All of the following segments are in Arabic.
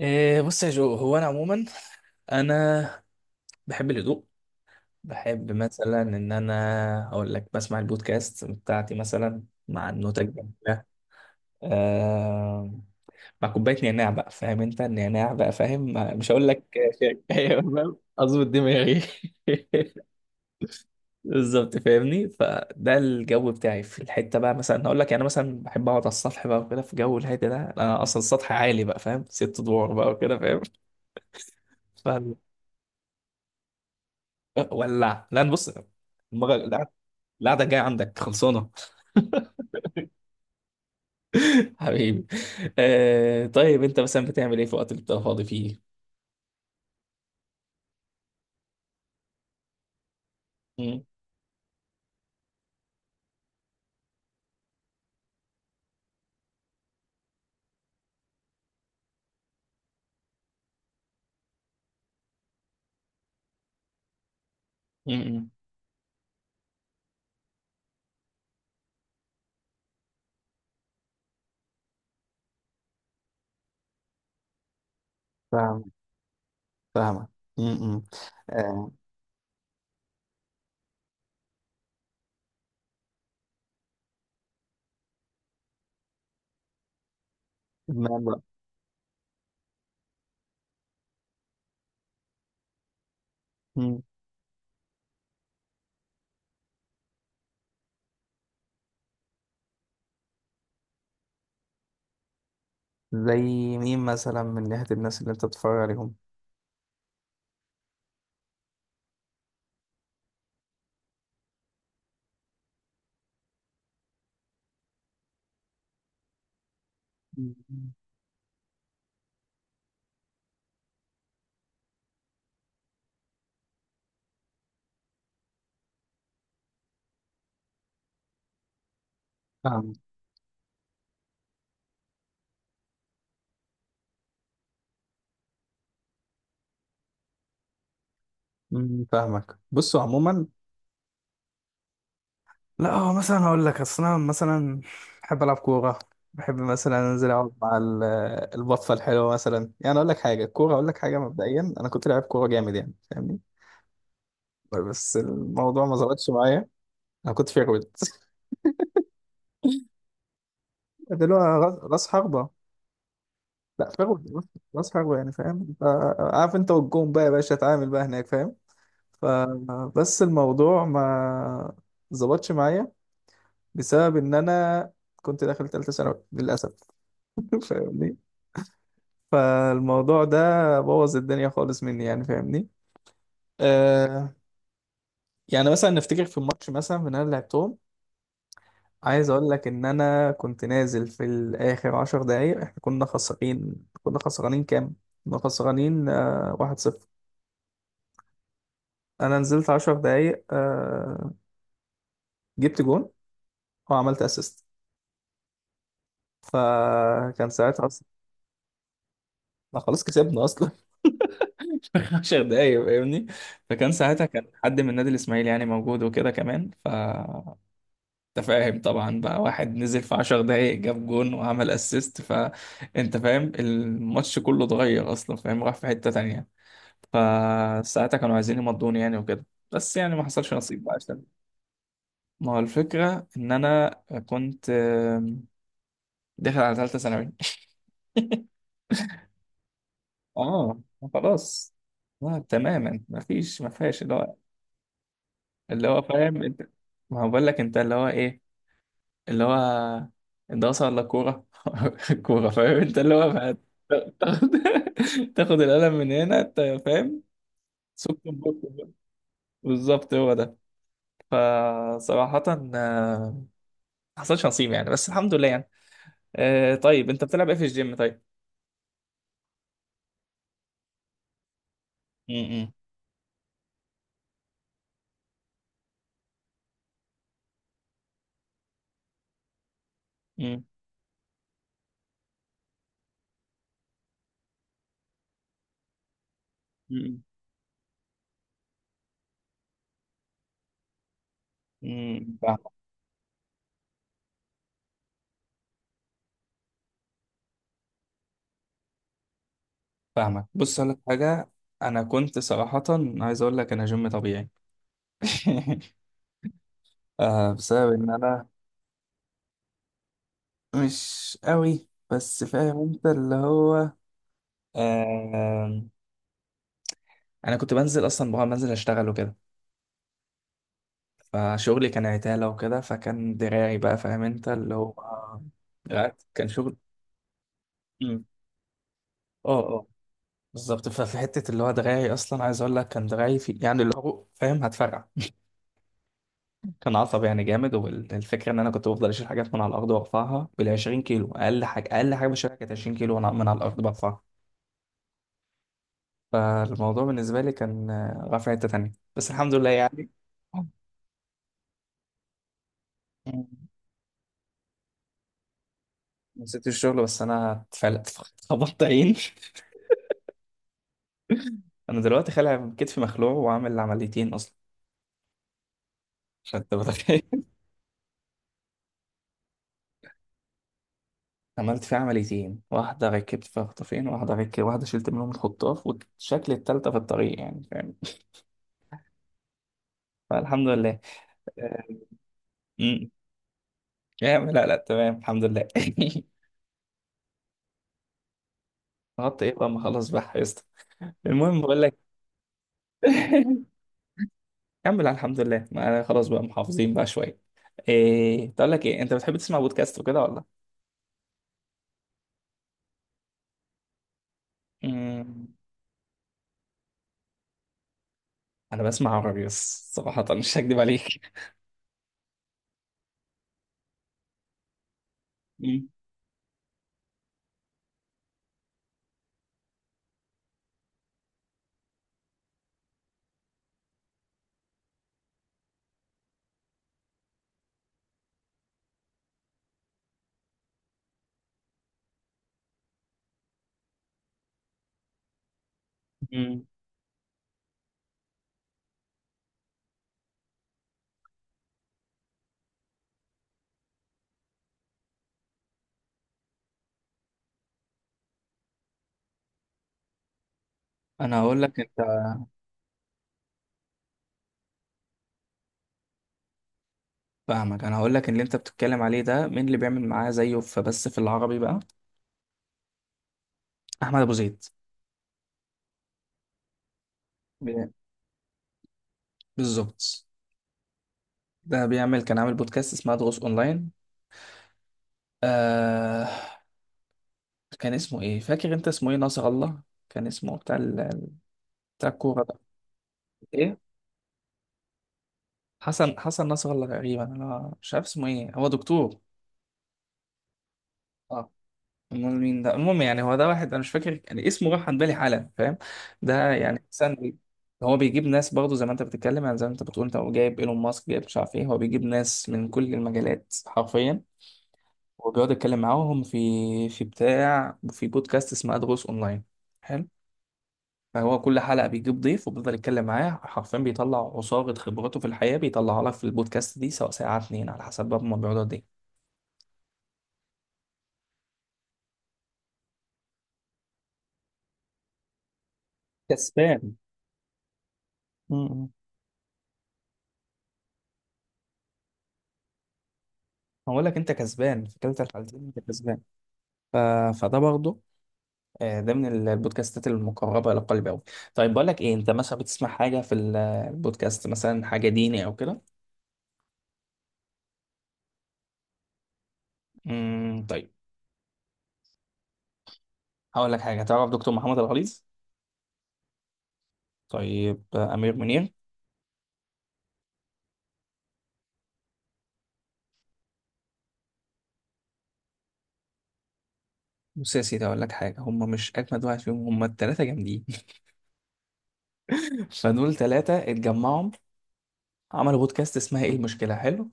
إيه، بص يا جو، هو انا عموما انا بحب الهدوء. بحب مثلا ان انا اقول لك بسمع البودكاست بتاعتي مثلا مع النوتة الجميلة آه مع كوباية نعناع بقى. فاهم انت النعناع بقى؟ فاهم. مش هقول لك شاي. أيوة، فاهم؟ اظبط دماغي. بالظبط، فاهمني؟ فده الجو بتاعي في الحته بقى. مثلا هقول لك، يعني مثلا بحب اقعد على السطح بقى وكده في جو الهادي ده. انا اصلا السطح عالي بقى، فاهم؟ 6 ادوار بقى وكده. فاهم؟ ولع. لا بص، المره القعده القعدة الجايه عندك خلصانه. حبيبي. طيب، انت مثلا بتعمل ايه في الوقت اللي بتبقى فاضي فيه؟ مم. مم. فاهم. فاهمة. م- م. آه، إدمان بقى. م. زي مين مثلا من ناحية الناس اللي أنت بتتفرج عليهم؟ مم. فاهم. فاهمك. بصوا عموما، لا، هو مثلا هقول لك، اصل انا مثلا بحب العب كوره. بحب مثلا انزل اقعد مع البطفه الحلوه مثلا. يعني اقول لك حاجه، الكوره اقول لك حاجه، مبدئيا انا كنت لاعب كوره جامد يعني، فاهمني؟ بس الموضوع ما ظبطش معايا. انا كنت فيرويد. دلوقتي راس حربه. لا، فيرويد، راس حربه يعني، فاهم؟ عارف انت، والجون بقى يا باشا اتعامل بقى هناك، فاهم؟ فبس الموضوع ما ظبطش معايا بسبب ان انا كنت داخل ثالثه ثانوي للاسف. فاهمني؟ فالموضوع ده بوظ الدنيا خالص مني يعني، فاهمني؟ آه يعني مثلا نفتكر في الماتش مثلا من اللي لعبتهم، عايز اقول لك ان انا كنت نازل في الاخر 10 دقايق، احنا كنا خسرانين. كنا خسرانين كام؟ كنا خسرانين 1-0. انا نزلت 10 دقايق، جبت جون وعملت اسيست. فكان ساعتها اصلا، لا خلاص كسبنا اصلا. في 10 دقايق، فاهمني؟ فكان ساعتها كان حد من نادي الاسماعيلي يعني موجود وكده كمان. ف انت فاهم طبعا بقى، واحد نزل في 10 دقايق جاب جون وعمل اسيست، فانت فاهم الماتش كله اتغير اصلا، فاهم؟ راح في حتة تانية. فساعتها كانوا عايزين يمضوني يعني وكده، بس يعني ما حصلش نصيب بقى عشان، ما هو الفكرة ان انا كنت داخل على ثالثة ثانوي. اه، خلاص. اه تماما، ما فيهاش اللي هو، اللي هو فاهم انت، ما هو بقول لك انت اللي هو ايه، اللي هو الدراسة ولا الكورة؟ الكورة. فاهم انت اللي هو بقى تاخد، تاخد القلم من هنا انت، فاهم؟ سكت بكت بقى. بالظبط، هو ده. فصراحة ما حصلش نصيب يعني، بس الحمد لله يعني. طيب، انت بتلعب ايه في الجيم طيب؟ امم. امم. امم. فاهمك. فاهمك، بص اقول لك حاجة، انا كنت صراحة، عايز اقول لك انا جيم طبيعي. بسبب ان انا مش قوي بس، فاهم انت اللي هو؟ آه، انا كنت بنزل اصلا بقى، بنزل اشتغل وكده، فشغلي كان عتالة وكده، فكان دراعي بقى فاهم انت اللي هو، دراعي كان شغل. مم. اه اه، بالظبط. ففي حتة اللي هو دراعي، اصلا عايز اقول لك كان دراعي في يعني اللي هو، فاهم؟ هتفرقع. كان عصب يعني جامد. والفكرة ان انا كنت بفضل اشيل حاجات من على الارض وارفعها بال 20 كيلو. اقل حاجة بشيلها كانت 20 كيلو وانا من على الارض برفعها. فالموضوع بالنسبة لي كان، رافع حتة تانية بس، الحمد لله يعني. نسيت الشغل بس انا اتفلت. خبطت عين. انا دلوقتي خالع كتفي، مخلوع، وعامل عمليتين اصلا عشان انت متخيل. عملت فيه عمليتين، واحده ركبت فيها خطافين، واحده ركبت، واحده شلت منهم الخطاف، والشكل التالتة في الطريق يعني، فاهم؟ فالحمد لله. آه، أمم. يا عم، لا لا، تمام الحمد لله. خبطت ايه بقى، ما خلاص بقى حفظت. المهم بقول لك، كمل على الحمد لله. ما أنا خلاص بقى محافظين بقى شويه. ايه، تقول لك ايه، انت بتحب تسمع بودكاست وكده ولا؟ أمم. انا بسمع عربي بس صراحة، مش هكدب عليك. مم. مم. انا هقول لك انت، فاهمك، انا هقول لك، اللي انت بتتكلم عليه ده، مين اللي بيعمل معاه زيه فبس في العربي بقى؟ احمد ابو زيد. بي- بالظبط. ده بيعمل، كان عامل بودكاست اسمها دروس اونلاين. آه كان اسمه ايه، فاكر انت اسمه ايه؟ ناصر الله. كان اسمه بتاع بتاع الكورة ده. ايه، حسن ناصر الله تقريبا، انا مش عارف اسمه ايه، هو دكتور. اه. امال مين ده؟ المهم يعني، هو ده واحد، انا مش فاكر يعني، اسمه راح عن بالي حالا، فاهم؟ ده يعني انسان، هو بيجيب ناس برضه زي ما انت بتتكلم، يعني زي ما انت بتقول انت، هو جايب ايلون ماسك، جايب مش عارف ايه، هو بيجيب ناس من كل المجالات حرفيا، وبيقعد يتكلم معاهم في في بتاع في بودكاست اسمه ادغوس اونلاين. حلو. فهو كل حلقه بيجيب ضيف وبيفضل يتكلم معاه حرفيا، بيطلع عصاره خبراته في الحياه، بيطلعها لك في البودكاست دي، سواء ساعه اتنين على حسب بقى هما بيقعدوا قد ايه. كسبان. م- م. هقول لك انت كسبان، في كلتا الحالتين انت كسبان. ف... فده برضه، ده من البودكاستات المقربة إلى قلبي أوي. طيب، بقول لك إيه، أنت مثلا بتسمع حاجة في البودكاست مثلا حاجة ديني أو كده؟ طيب. هقول لك حاجة، تعرف دكتور محمد الغليظ؟ طيب، أمير منير؟ بص يا سيدي، هقول لك حاجة، هم مش أجمد واحد فيهم، هم التلاتة جامدين. فدول تلاتة اتجمعوا عملوا بودكاست اسمها إيه المشكلة، حلو.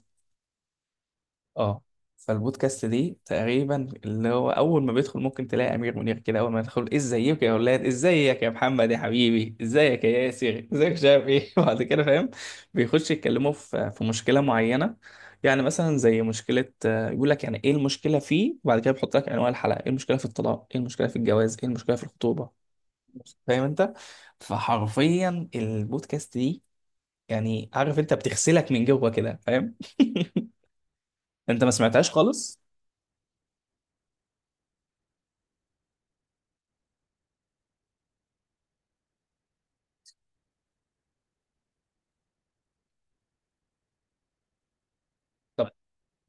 اه. فالبودكاست دي تقريبا اللي هو، اول ما بيدخل ممكن تلاقي امير منير كده، اول ما يدخل: ازيك يا اولاد، ازيك يا محمد يا حبيبي، ازيك يا ياسر، ازيك مش عارف ايه. وبعد كده، فاهم، بيخش يتكلموا في مشكله معينه. يعني مثلا زي مشكله، يقول لك يعني ايه المشكله فيه، وبعد كده بيحط لك انواع الحلقه: ايه المشكله في الطلاق، ايه المشكله في الجواز، ايه المشكله في الخطوبه. فاهم انت؟ فحرفيا البودكاست دي، يعني عارف انت، بتغسلك من جوه كده، فاهم؟ انت ما سمعتهاش خالص؟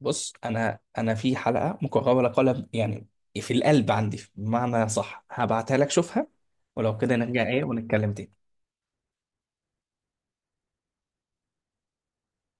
بص، انا في حلقه مكرره قلم يعني، في القلب عندي بمعنى صح، هبعتها لك شوفها. ولو كده نرجع ايه ونتكلم تاني.